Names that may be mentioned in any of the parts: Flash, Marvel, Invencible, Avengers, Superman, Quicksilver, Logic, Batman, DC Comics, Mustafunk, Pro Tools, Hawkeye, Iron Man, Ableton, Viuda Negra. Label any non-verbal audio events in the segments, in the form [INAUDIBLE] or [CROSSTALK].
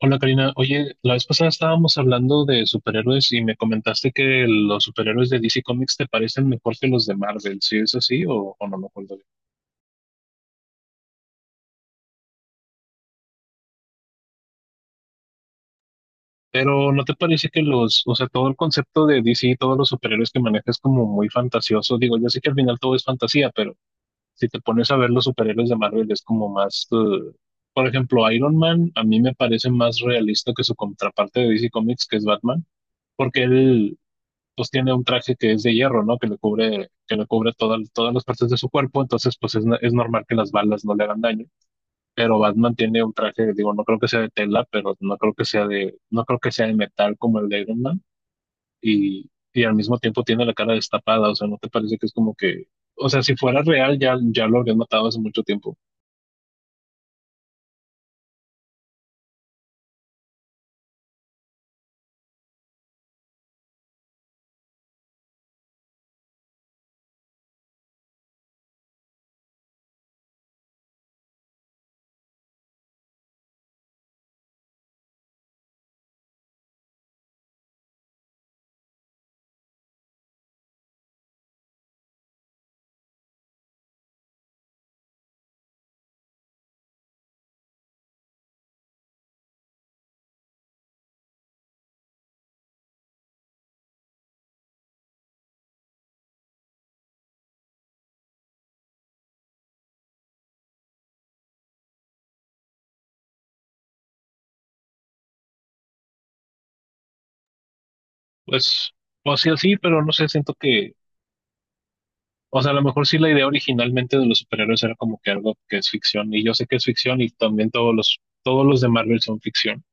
Hola Karina, oye, la vez pasada estábamos hablando de superhéroes y me comentaste que los superhéroes de DC Comics te parecen mejor que los de Marvel, ¿sí es así o no me acuerdo bien? Pero ¿no te parece que los, o sea, todo el concepto de DC, todos los superhéroes que manejas es como muy fantasioso? Digo, yo sé que al final todo es fantasía, pero si te pones a ver los superhéroes de Marvel es como más, por ejemplo, Iron Man a mí me parece más realista que su contraparte de DC Comics, que es Batman porque él, pues tiene un traje que es de hierro, ¿no? Que le cubre todas todas las partes de su cuerpo, entonces pues es normal que las balas no le hagan daño. Pero Batman tiene un traje, digo, no creo que sea de tela, pero no creo que sea de, no creo que sea de metal como el de Iron Man. Y al mismo tiempo tiene la cara destapada, o sea, ¿no te parece que es como que, o sea, si fuera real ya, ya lo habrían matado hace mucho tiempo? Pues, pues sí o sea, sí, pero no sé, siento que. O sea, a lo mejor sí la idea originalmente de los superhéroes era como que algo que es ficción, y yo sé que es ficción, y también todos los de Marvel son ficción,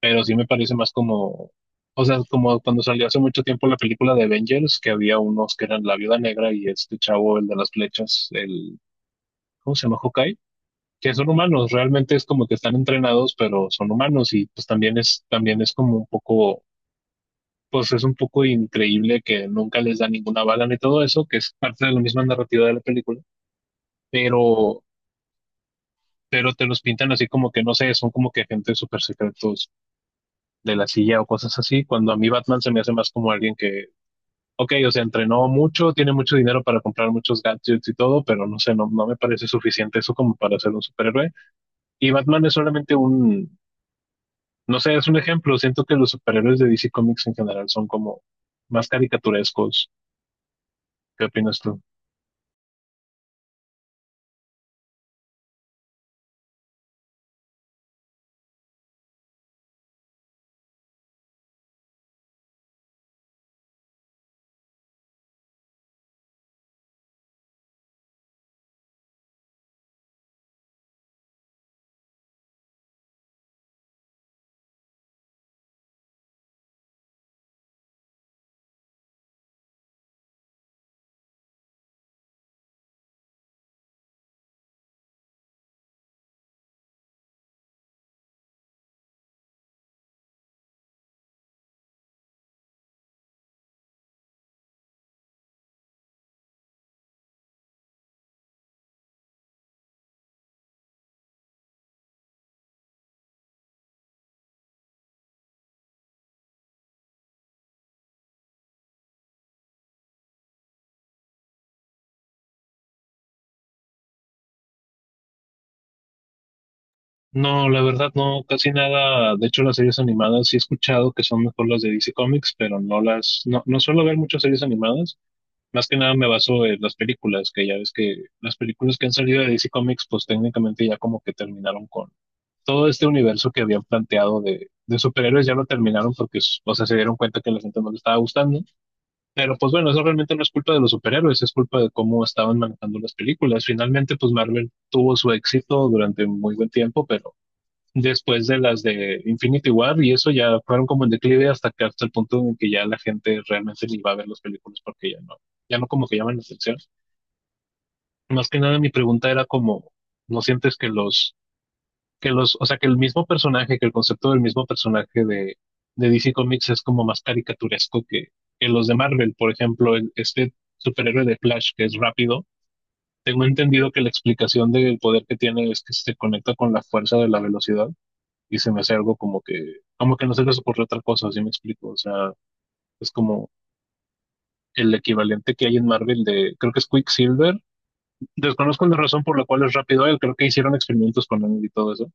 pero sí me parece más como, o sea, como cuando salió hace mucho tiempo la película de Avengers, que había unos que eran la Viuda Negra y este chavo, el de las flechas, el, ¿cómo se llama? Hawkeye, que son humanos, realmente es como que están entrenados, pero son humanos, y pues también es como un poco pues es un poco increíble que nunca les da ninguna bala ni todo eso, que es parte de la misma narrativa de la película pero, pero te los pintan así como que no sé, son como que agentes súper secretos de la silla o cosas así, cuando a mí Batman se me hace más como alguien que, ok, o sea, entrenó mucho, tiene mucho dinero para comprar muchos gadgets y todo, pero no sé, no, no me parece suficiente eso como para ser un superhéroe. Y Batman es solamente un, no sé, es un ejemplo, siento que los superhéroes de DC Comics en general son como más caricaturescos. ¿Qué opinas tú? No, la verdad no, casi nada. De hecho, las series animadas sí he escuchado que son mejor las de DC Comics, pero no las, no, no suelo ver muchas series animadas. Más que nada me baso en las películas, que ya ves que las películas que han salido de DC Comics, pues técnicamente ya como que terminaron con todo este universo que habían planteado de superhéroes, ya lo terminaron porque, o sea, se dieron cuenta que a la gente no le estaba gustando. Pero pues bueno, eso realmente no es culpa de los superhéroes, es culpa de cómo estaban manejando las películas. Finalmente, pues Marvel tuvo su éxito durante muy buen tiempo, pero después de las de Infinity War y eso ya fueron como en declive hasta que hasta el punto en que ya la gente realmente le iba a ver las películas porque ya no, ya no como que llaman la atención. Más que nada mi pregunta era como, ¿no sientes que que los, o sea, que el mismo personaje, que el concepto del mismo personaje de DC Comics es como más caricaturesco que los de Marvel? Por ejemplo, este superhéroe de Flash que es rápido, tengo entendido que la explicación del poder que tiene es que se conecta con la fuerza de la velocidad y se me hace algo como que no se les ocurrió otra cosa, si me explico. O sea, es como el equivalente que hay en Marvel de, creo que es Quicksilver. Desconozco la razón por la cual es rápido él, creo que hicieron experimentos con él y todo eso,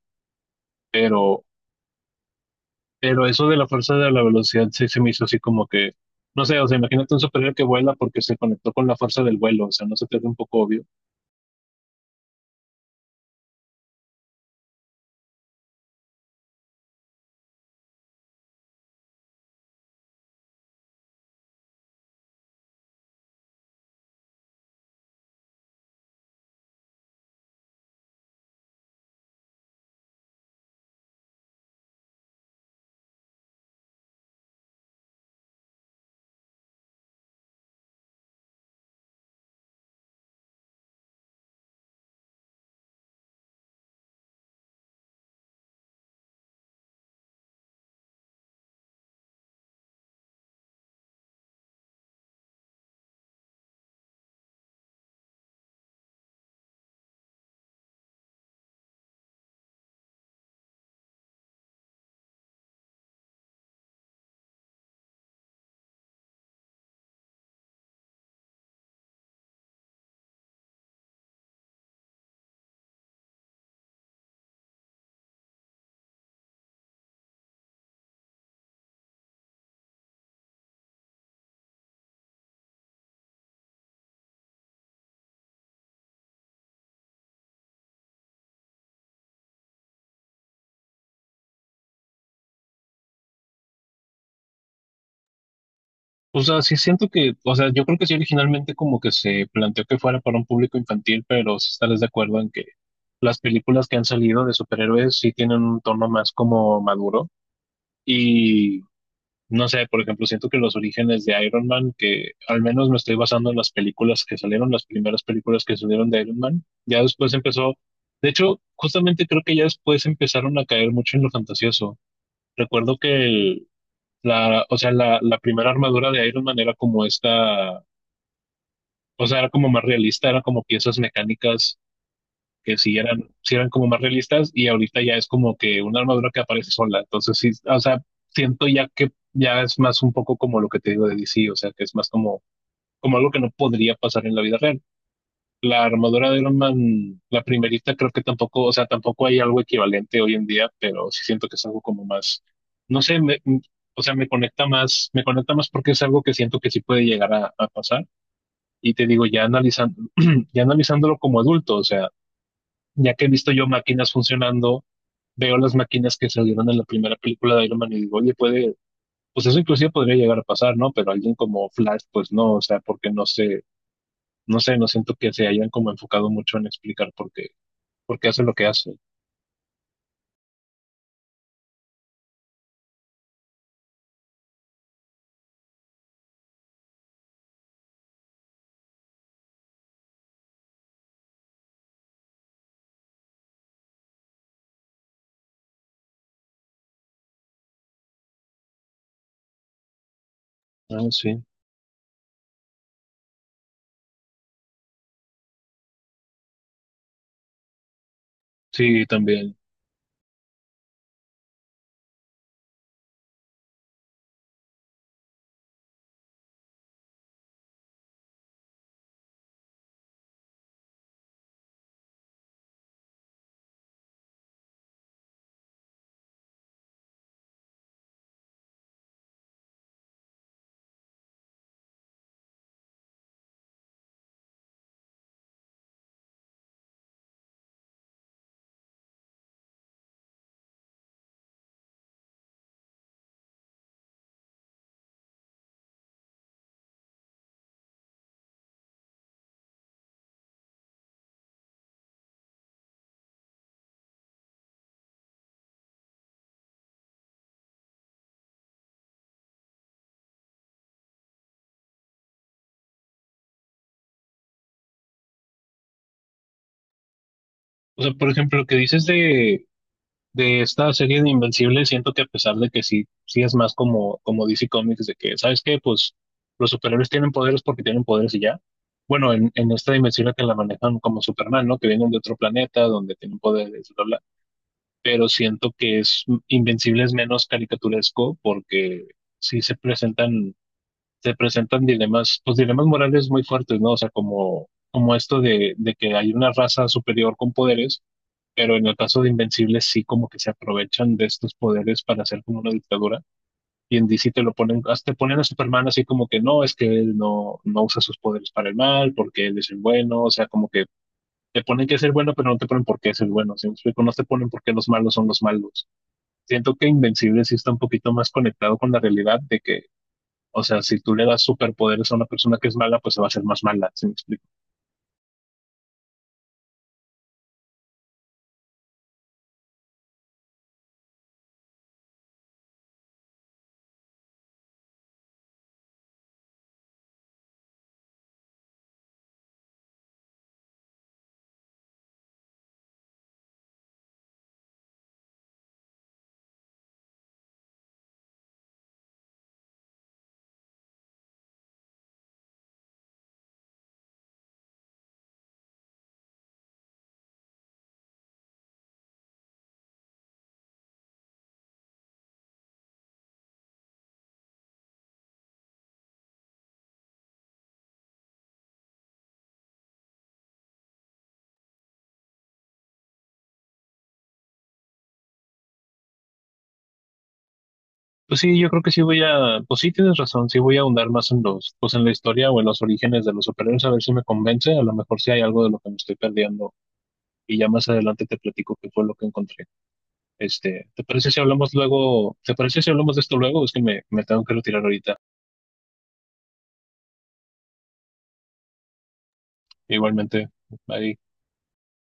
pero, pero eso de la fuerza de la velocidad sí se me hizo así como que, no sé, o sea, imagínate un superhéroe que vuela porque se conectó con la fuerza del vuelo, o sea, no se te hace un poco obvio. O sea, sí siento que, o sea, yo creo que sí originalmente como que se planteó que fuera para un público infantil, pero sí estarás de acuerdo en que las películas que han salido de superhéroes sí tienen un tono más como maduro y no sé, por ejemplo, siento que los orígenes de Iron Man, que al menos me estoy basando en las películas que salieron, las primeras películas que salieron de Iron Man, ya después empezó, de hecho, justamente creo que ya después empezaron a caer mucho en lo fantasioso. Recuerdo que el, la, o sea, la primera armadura de Iron Man era como esta, o sea, era como más realista, era como piezas mecánicas que sí eran como más realistas y ahorita ya es como que una armadura que aparece sola. Entonces sí, o sea, siento ya que ya es más un poco como lo que te digo de DC, o sea, que es más como, como algo que no podría pasar en la vida real la armadura de Iron Man, la primerita, creo que tampoco, o sea, tampoco hay algo equivalente hoy en día, pero sí siento que es algo como más, no sé, o sea, me conecta más porque es algo que siento que sí puede llegar a pasar. Y te digo, ya analizando, [CLEARS THROAT] ya analizándolo como adulto, o sea, ya que he visto yo máquinas funcionando, veo las máquinas que salieron en la primera película de Iron Man y digo, oye, puede, pues eso inclusive podría llegar a pasar, ¿no? Pero alguien como Flash, pues no, o sea, porque no sé, no sé, no siento que se hayan como enfocado mucho en explicar por qué porque hace lo que hace. Ah, sí, sí, también. O sea, por ejemplo, lo que dices de esta serie de Invencible, siento que a pesar de que sí, sí es más como, como DC Comics, de que, ¿sabes qué? Pues los superhéroes tienen poderes porque tienen poderes y ya. Bueno, en esta dimensión que la manejan como Superman, ¿no? Que vienen de otro planeta donde tienen poderes, bla, bla. Pero siento que es Invencible es menos caricaturesco porque sí se presentan dilemas, pues dilemas morales muy fuertes, ¿no? O sea, como, como esto de que hay una raza superior con poderes, pero en el caso de Invencibles sí como que se aprovechan de estos poderes para hacer como una dictadura. Y en DC te lo ponen, hasta te ponen a Superman así como que no, es que él no, no usa sus poderes para el mal, porque él es el bueno, o sea, como que te ponen que es el bueno, pero no te ponen por qué es el bueno, ¿sí me explico? No te ponen por qué los malos son los malos. Siento que Invencibles sí está un poquito más conectado con la realidad de que o sea, si tú le das superpoderes a una persona que es mala, pues se va a hacer más mala, ¿sí me explico? Pues sí, yo creo que sí voy a, pues sí tienes razón, sí voy a ahondar más en los, pues en la historia o en los orígenes de los superhéroes, a ver si me convence, a lo mejor si hay algo de lo que me estoy perdiendo y ya más adelante te platico qué fue lo que encontré. Este, ¿te parece si hablamos luego, te parece si hablamos de esto luego? Es que me tengo que retirar ahorita. Igualmente, ahí